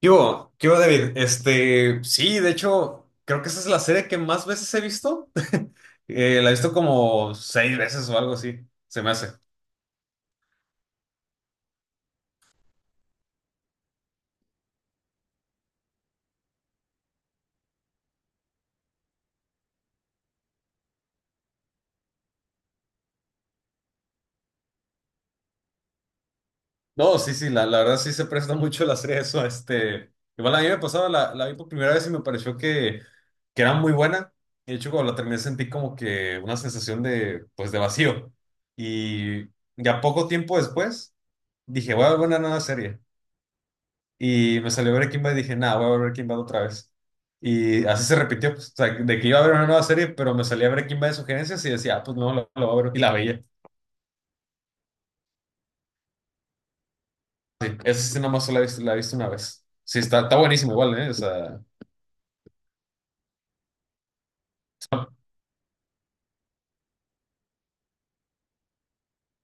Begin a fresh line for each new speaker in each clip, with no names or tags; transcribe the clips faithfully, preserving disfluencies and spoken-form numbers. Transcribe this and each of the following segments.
¿Qué hubo? ¿Qué hubo, David? Este, sí, de hecho, creo que esa es la serie que más veces he visto. Eh, la he visto como seis veces o algo así, se me hace. No, sí, sí, la, la verdad sí se presta mucho la serie a eso. Este, igual a mí me pasaba, la, la vi por primera vez y me pareció que, que era muy buena. De hecho, cuando la terminé sentí como que una sensación de, pues, de vacío. Y ya poco tiempo después dije, voy a ver una nueva serie. Y me salió Breaking Bad y dije, nada, voy a ver Breaking Bad otra vez. Y así se repitió, pues, o sea, de que iba a ver una nueva serie, pero me salía Breaking Bad de sugerencias y decía, ah, pues no, lo la voy a ver. Y la veía. Sí, esa sí nomás solo la he visto, la he visto una vez. Sí, está, está buenísimo igual, ¿eh? O sea,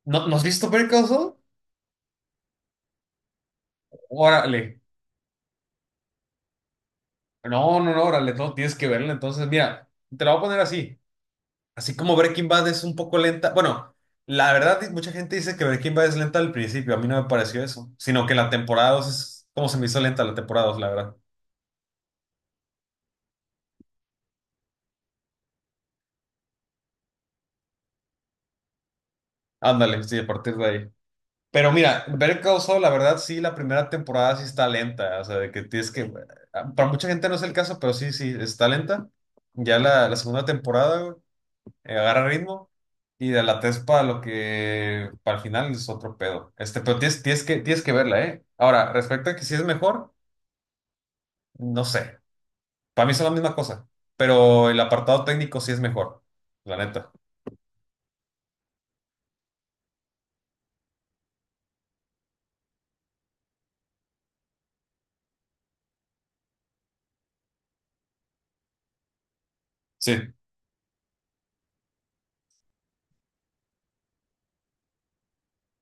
¿no, ¿no has visto Better Call Saul? Órale. No, no, no, órale, no, tienes que verla. Entonces, mira, te la voy a poner así. Así como Breaking Bad es un poco lenta. Bueno, la verdad, di- mucha gente dice que Breaking Bad es lenta al principio. A mí no me pareció eso. Sino que la temporada dos es como se me hizo lenta la temporada dos la verdad. Ándale, sí, a partir de ahí. Pero mira, Better Call Saul, la verdad, sí, la primera temporada sí está lenta. O sea, de que tienes que. ah, Para mucha gente no es el caso, pero sí, sí, está lenta. Ya la, la segunda temporada, güey, eh, agarra ritmo. Y de la tres para lo que. Para el final es otro pedo. Este, pero tienes, tienes que, tienes que verla, ¿eh? Ahora, respecto a que si es mejor, no sé. Para mí son la misma cosa. Pero el apartado técnico sí es mejor. La neta. Sí.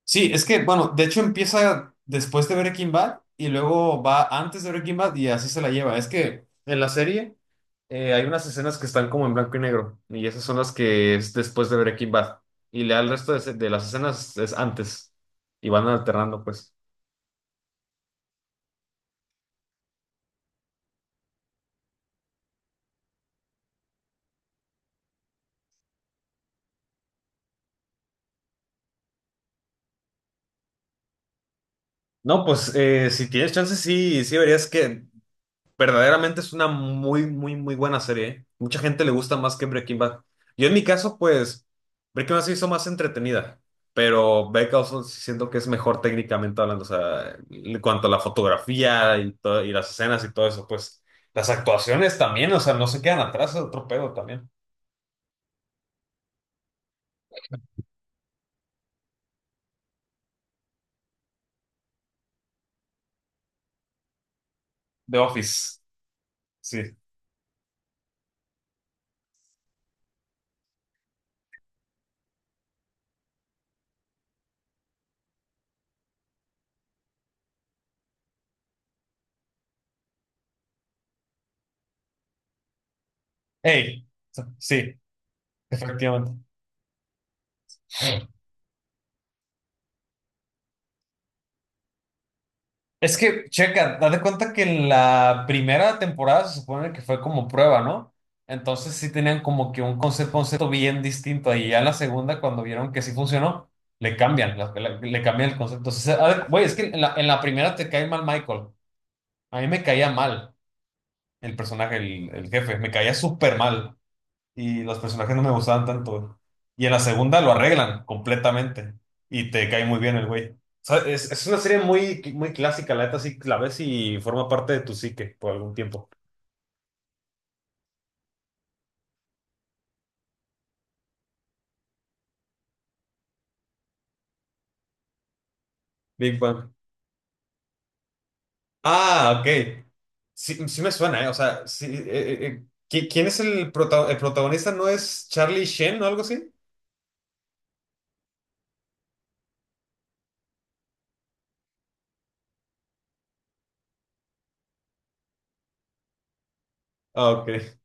Sí, es que, bueno, de hecho empieza después de Breaking Bad y luego va antes de Breaking Bad y así se la lleva. Es que en la serie eh, hay unas escenas que están como en blanco y negro y esas son las que es después de Breaking Bad. Y le el resto de, se- de las escenas es antes y van alternando, pues. No, pues eh, si tienes chance, sí, sí verías que. Verdaderamente es una muy, muy, muy buena serie. ¿Eh? Mucha gente le gusta más que Breaking Bad. Yo en mi caso, pues, Breaking Bad se hizo más entretenida, pero Better Call Saul sí siento que es mejor técnicamente hablando, o sea, en cuanto a la fotografía y, to- y las escenas y todo eso, pues, las actuaciones también, o sea, no se quedan atrás, es otro pedo también. The Office, sí. Hey, sí, efectivamente. Es que, checa, date cuenta que la primera temporada se supone que fue como prueba, ¿no? Entonces sí tenían como que un concepto, concepto bien distinto. Y ya en la segunda, cuando vieron que sí funcionó, le cambian, la- la- le cambian el concepto. O sea, a ver, güey, es que en la, en la primera te cae mal Michael. A mí me caía mal el personaje, el, el jefe, me caía súper mal y los personajes no me gustaban tanto. Y en la segunda lo arreglan completamente y te cae muy bien el güey. O sea, es, es una serie muy, muy clásica, la neta sí la ves y forma parte de tu psique por algún tiempo. Big Bang. Ah, ok. Sí, sí me suena, ¿eh? O sea, sí, eh, eh, eh, ¿qui- quién es el, prota- el protagonista? ¿No es Charlie Sheen o algo así? Ah, ok.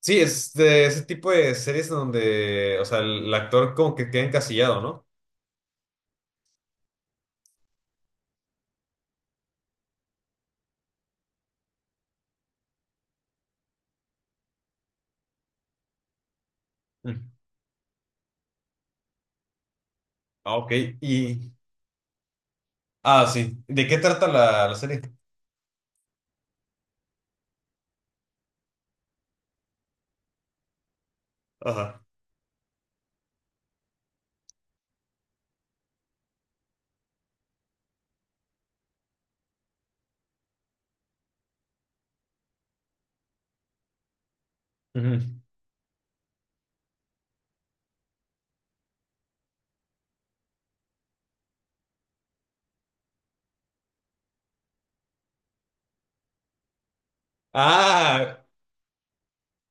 Sí, es de ese tipo de series donde, o sea, el, el actor como que queda encasillado, ¿no? Mm. Ah, ok. Y, ah, sí. ¿De qué trata la, la serie? Ajá. Ujú. Ah,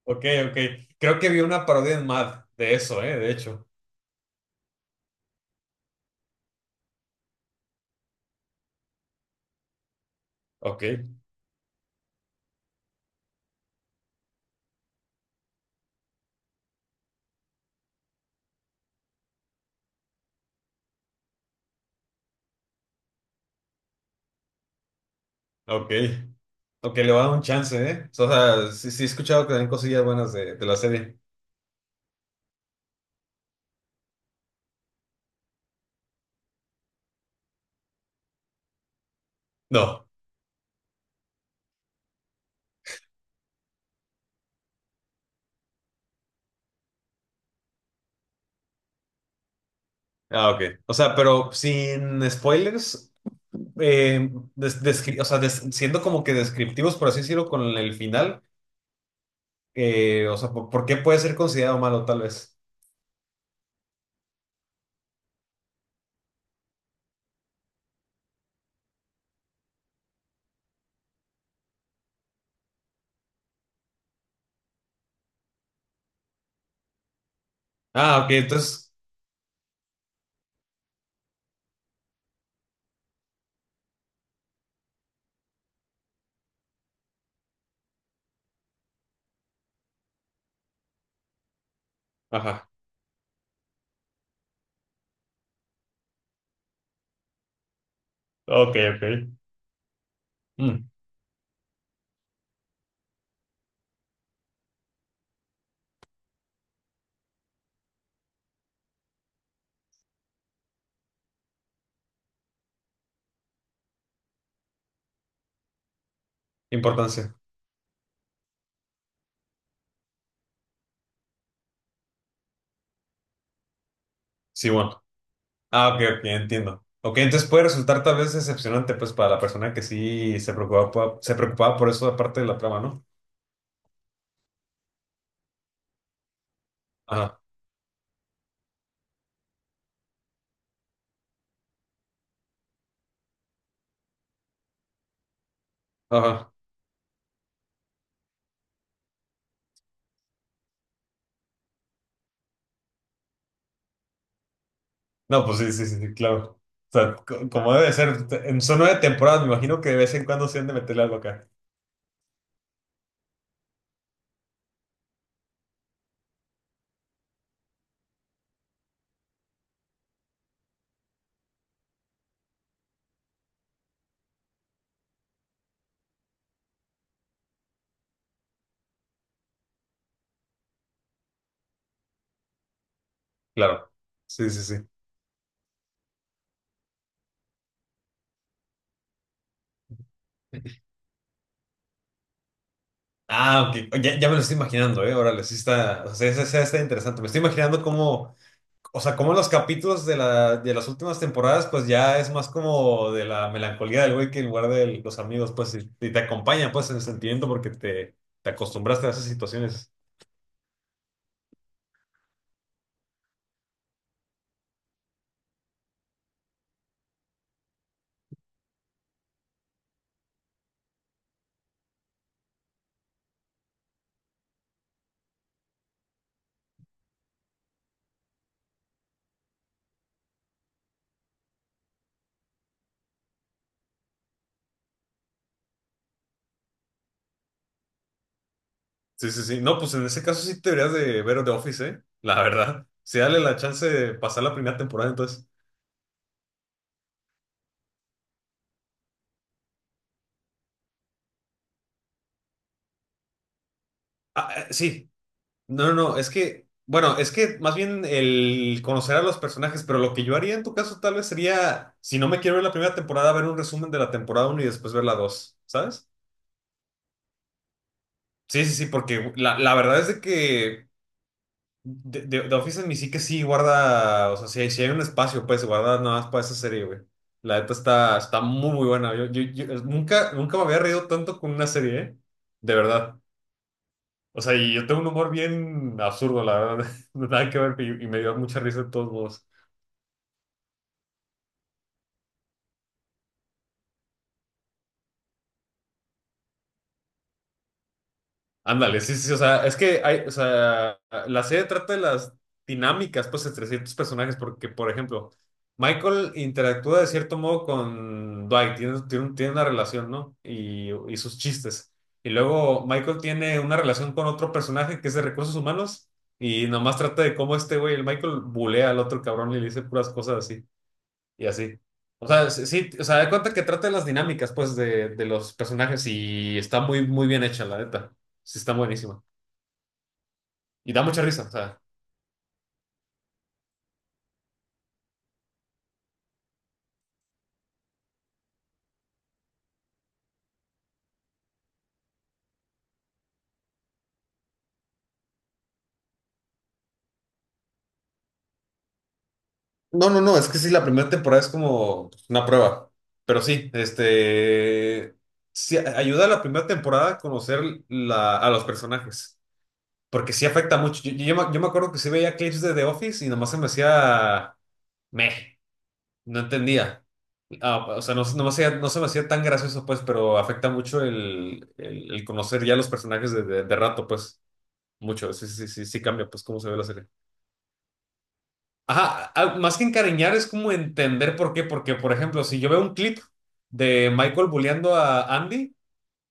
ok, ok. Creo que vi una parodia en Mad de eso, ¿eh? De hecho. Ok, ok. Ok, le voy a dar un chance, ¿eh? O sea, sí, sí he escuchado que hay cosillas buenas de, de la serie. No. Ah, ok. O sea, pero sin spoilers, eh, des- descri- o sea, des- siendo como que descriptivos, por así decirlo, con el final, eh, o sea, ¿por, por qué puede ser considerado malo tal vez? Ah, ok, entonces... Ajá. Ok, ok. Importancia. Sí, bueno. Ah, ok, ok, entiendo. Ok, entonces puede resultar tal vez decepcionante, pues, para la persona que sí se preocupaba, po- se preocupaba por eso, aparte de la trama, ¿no? Ajá, ajá. No, pues sí, sí, sí, sí, claro. O sea, co- como debe ser, te- en- son nueve temporadas, me imagino que de vez en cuando se han de meterle algo acá. Claro. Sí, sí, sí. Ah, ok. Ya, ya me lo estoy imaginando, ¿eh? Órale, sí está, o sea, esa- esa está interesante. Me estoy imaginando cómo. O sea, como los capítulos de, la, de las últimas temporadas, pues ya es más como de la melancolía del güey que en lugar de los amigos, pues, y, y te acompaña, pues, en el sentimiento porque te, te acostumbraste a esas situaciones. Sí, sí, sí. No, pues en ese caso sí te deberías de ver The Office, ¿eh? La verdad. Sí, dale la chance de pasar la primera temporada, entonces. Ah, eh, sí. No, no, no, es que, bueno, es que más bien el conocer a los personajes, pero lo que yo haría en tu caso tal vez sería, si no me quiero ver la primera temporada, ver un resumen de la temporada uno y después ver la dos, ¿sabes? Sí, sí, sí, porque la, la verdad es de que de, de- The Office en mi sí que sí guarda, o sea, si hay sí hay un espacio, pues, guarda nada más para esa serie, güey. La neta está, está muy, muy buena. Yo, yo, yo nunca, nunca me había reído tanto con una serie, ¿eh? De verdad. O sea, y yo tengo un humor bien absurdo, la verdad. Nada que ver, y, y me dio mucha risa de todos modos. Ándale, sí, sí, sí, o sea, es que hay, o sea, la serie trata de las dinámicas, pues, entre ciertos personajes, porque, por ejemplo, Michael interactúa de cierto modo con Dwight, tiene, tiene un- tiene una relación, ¿no? Y, y sus chistes. Y luego Michael tiene una relación con otro personaje que es de recursos humanos y nomás trata de cómo este güey, el Michael, bulea al otro cabrón y le dice puras cosas así y así. O sea, sí, sí, o sea, de cuenta que trata de las dinámicas, pues, de, de los personajes y está muy, muy bien hecha, la neta. Sí, está buenísima. Y da mucha risa, o sea. No, no, no, es que sí, la primera temporada es como una prueba. Pero sí, este, sí, a- ayuda a la primera temporada a conocer la, a los personajes. Porque sí afecta mucho. Yo, yo, me yo me acuerdo que sí veía clips de The Office y nomás se me hacía, meh, no entendía. Ah, o sea, no, no me hacía- no se me hacía tan gracioso, pues, pero afecta mucho el, el- el conocer ya los personajes de, de- de rato, pues, mucho. Sí, sí, sí, sí cambia, pues, cómo se ve la serie. Ajá, ah, más que encariñar es como entender por qué, porque, por ejemplo, si yo veo un clip de Michael bulleando a Andy,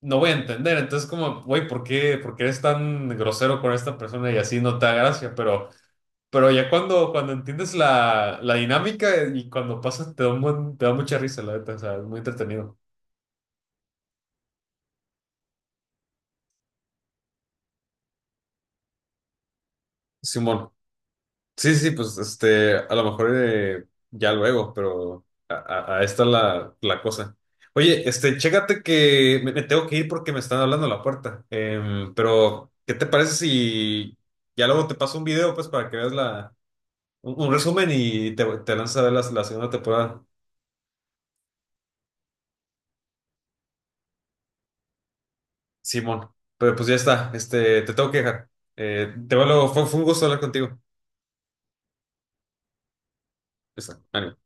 no voy a entender. Entonces, como, güey, ¿por qué, por qué eres tan grosero con esta persona y así no te da gracia? Pero, pero ya cuando, cuando entiendes la, la dinámica y cuando pasa, te da un buen- te da mucha risa, la neta, o sea, es muy entretenido. Simón. Sí, sí, pues este, a lo mejor eh, ya luego, pero a, a, a esta la, la cosa. Oye, este, chécate que me, me tengo que ir porque me están hablando a la puerta. Em, pero, ¿qué te parece si ya luego te paso un video, pues, para que veas la, un, un resumen y te, te lanzas a ver la, la segunda temporada, Simón? Pero pues ya está, este, te tengo que dejar. Eh, te veo luego, fue, fue un gusto hablar contigo. Ya está, ánimo.